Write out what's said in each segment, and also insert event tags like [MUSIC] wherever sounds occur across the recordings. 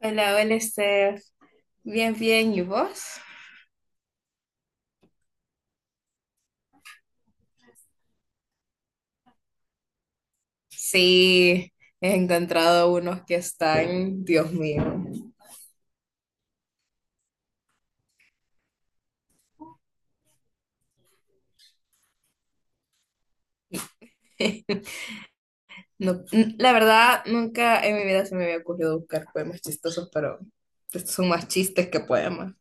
Hola, hola Steph. Bien, bien, ¿y vos? Sí, he encontrado unos que están, Dios mío. [LAUGHS] La verdad, nunca en mi vida se me había ocurrido buscar poemas chistosos, pero estos son más chistes que poemas.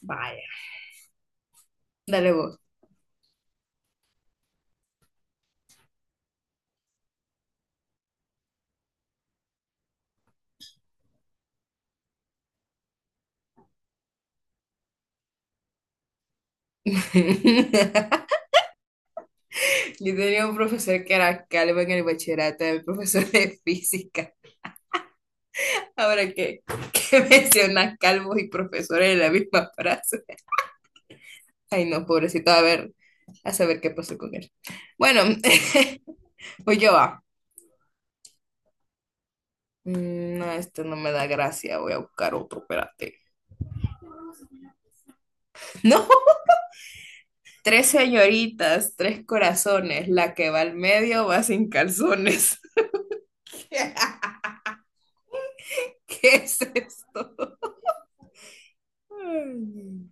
Vaya, dale vos. [LAUGHS] Yo tenía un profesor que era calvo en el bachillerato, era mi profesor de física. Ahora que, [LAUGHS] que mencionas calvos y profesores en la misma frase. Ay, no, pobrecito, a ver, a saber qué pasó con él. Bueno, [LAUGHS] voy yo a. No, esto no me da gracia, voy a buscar otro, espérate. No, tres señoritas, tres corazones, la que va al medio va sin calzones. [LAUGHS] ¿Qué es esto? Ay,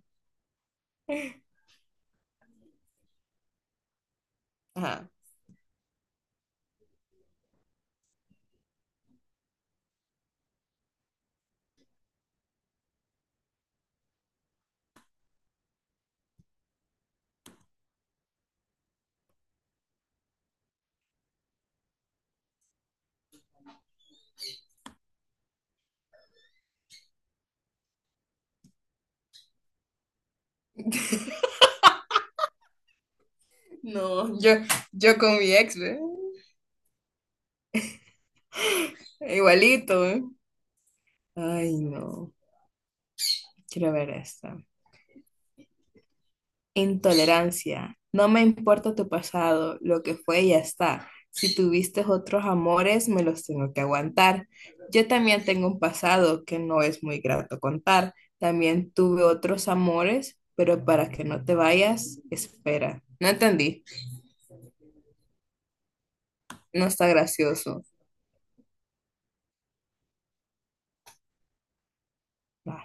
ajá. No, yo con mi ex, ¿ve? Igualito, ¿eh? Ay, no, quiero ver esta. Intolerancia. No me importa tu pasado, lo que fue ya está. Si tuviste otros amores, me los tengo que aguantar. Yo también tengo un pasado que no es muy grato contar. También tuve otros amores, pero para que no te vayas, espera. No entendí. No está gracioso. Va.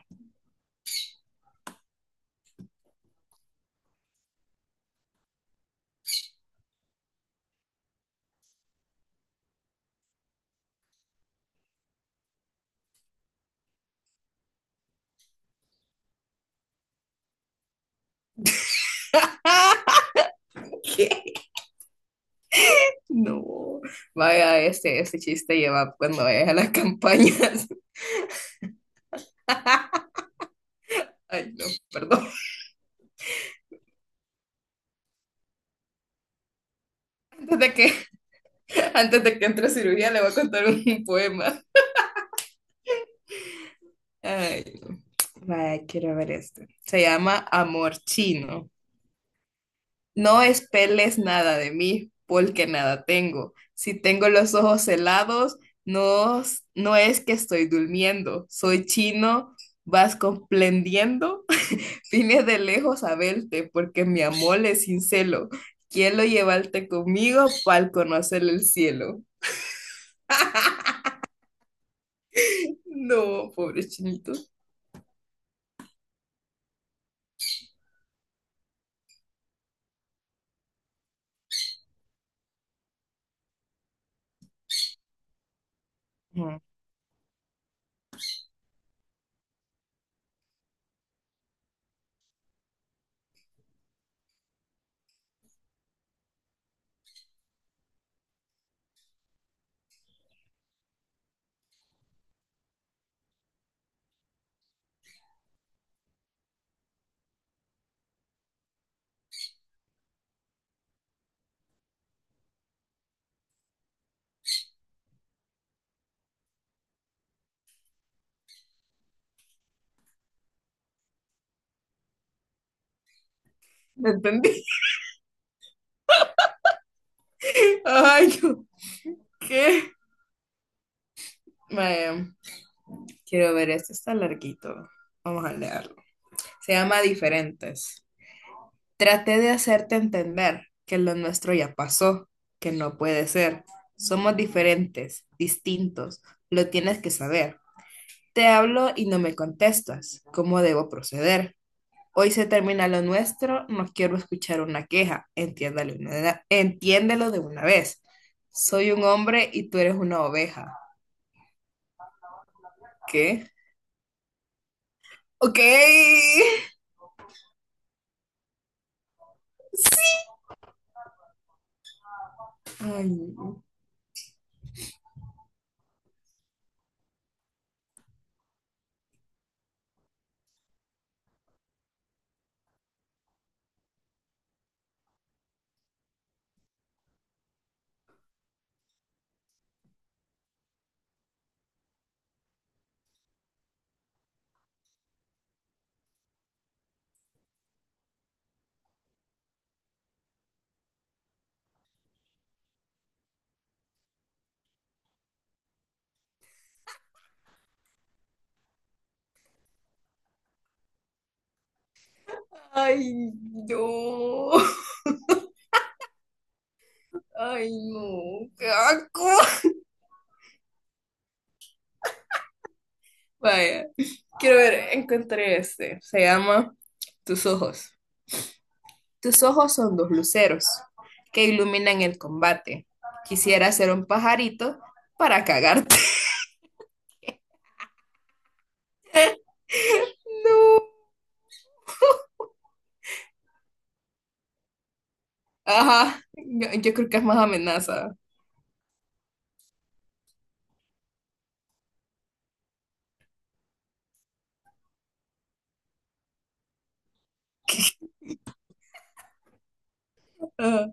[LAUGHS] ¿Qué? No. Vaya, este chiste lleva cuando vayas a las campañas. [LAUGHS] Ay, no, perdón. Antes de que, antes de que entre a cirugía, le voy a contar un poema. Ay, no. Vaya, quiero ver este. Se llama Amor Chino. No espeles nada de mí, porque nada tengo. Si tengo los ojos helados, no es que estoy durmiendo. Soy chino, vas comprendiendo. [LAUGHS] Vine de lejos a verte, porque mi amor es sin. Quiero llevarte conmigo para conocer el cielo. No, pobre chinito. Ujú. ¿Me entendí? [LAUGHS] Ay, no. ¿Qué? Vaya. Quiero ver, este está larguito. Vamos a leerlo. Se llama Diferentes. Traté de hacerte entender que lo nuestro ya pasó, que no puede ser. Somos diferentes, distintos. Lo tienes que saber. Te hablo y no me contestas. ¿Cómo debo proceder? Hoy se termina lo nuestro, no quiero escuchar una queja. Entiéndelo de una vez. Soy un hombre y tú eres una oveja. ¿Qué? Ok. Ay, no. Ay, no. Ay, no. Qué asco. Vaya. Quiero ver, encontré este. Se llama Tus ojos. Tus ojos son dos luceros que iluminan el combate. Quisiera ser un pajarito para cagarte. [LAUGHS] No. Ajá. Yo creo que es más amenaza. Ah,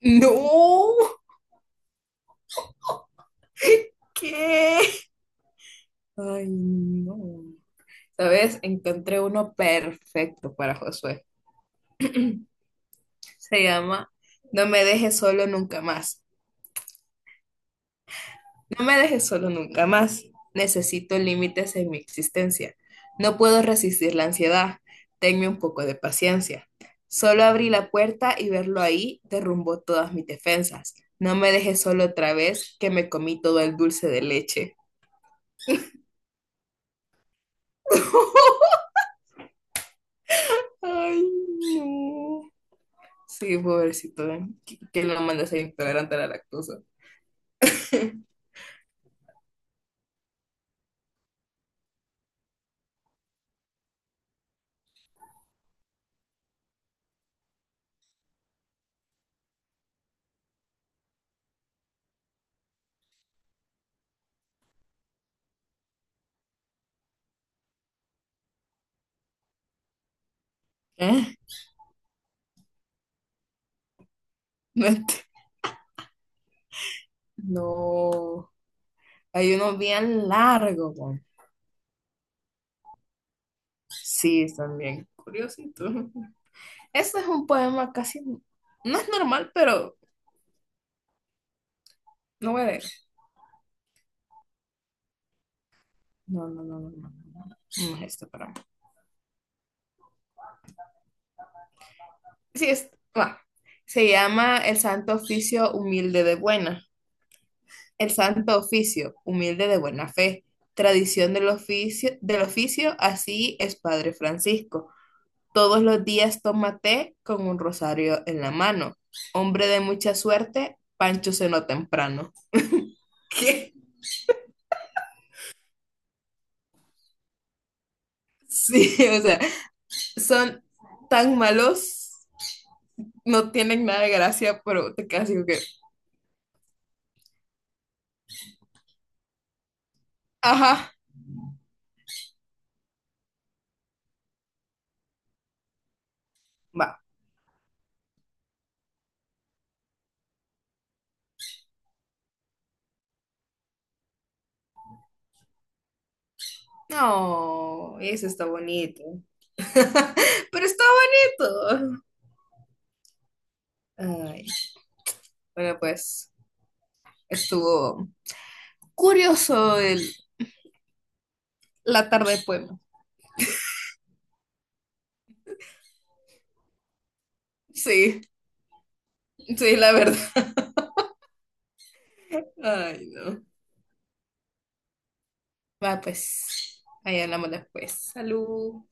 no. ¿Qué? Ay, no. ¿Sabes? Encontré uno perfecto para Josué. Se llama No me dejes solo nunca más. No me dejes solo nunca más. Necesito límites en mi existencia. No puedo resistir la ansiedad. Tenme un poco de paciencia. Solo abrí la puerta y verlo ahí derrumbó todas mis defensas. No me dejes solo otra vez que me comí todo el dulce de leche. [LAUGHS] Ay, no. Sí, pobrecito, ¿eh?, que lo mandas a intolerante a la lactosa. [LAUGHS] ¿Eh? No. ent- No. Hay unos bien largo, con- Sí, están bien curiositos. [LAUGHS] Este es un poema casi, no es normal, pero no voy a leer. No, no, no, no, no, no, no es este, pero bueno. Sí, es, va. Se llama El Santo Oficio Humilde de Buena. El Santo Oficio Humilde de Buena Fe. Tradición del oficio, así es Padre Francisco. Todos los días toma té con un rosario en la mano. Hombre de mucha suerte, Pancho cenó temprano. ¿Qué? Sí, [LAUGHS] o sea, son tan malos, no tienen nada de gracia, pero te quedas así como que, ajá, va. No, eso está bonito. [LAUGHS] Pero está bonito. Ay, bueno, pues estuvo curioso el, la tarde de poema. Sí, sí, la verdad. [LAUGHS] Ay, no. Va, pues, ahí hablamos después. Salud.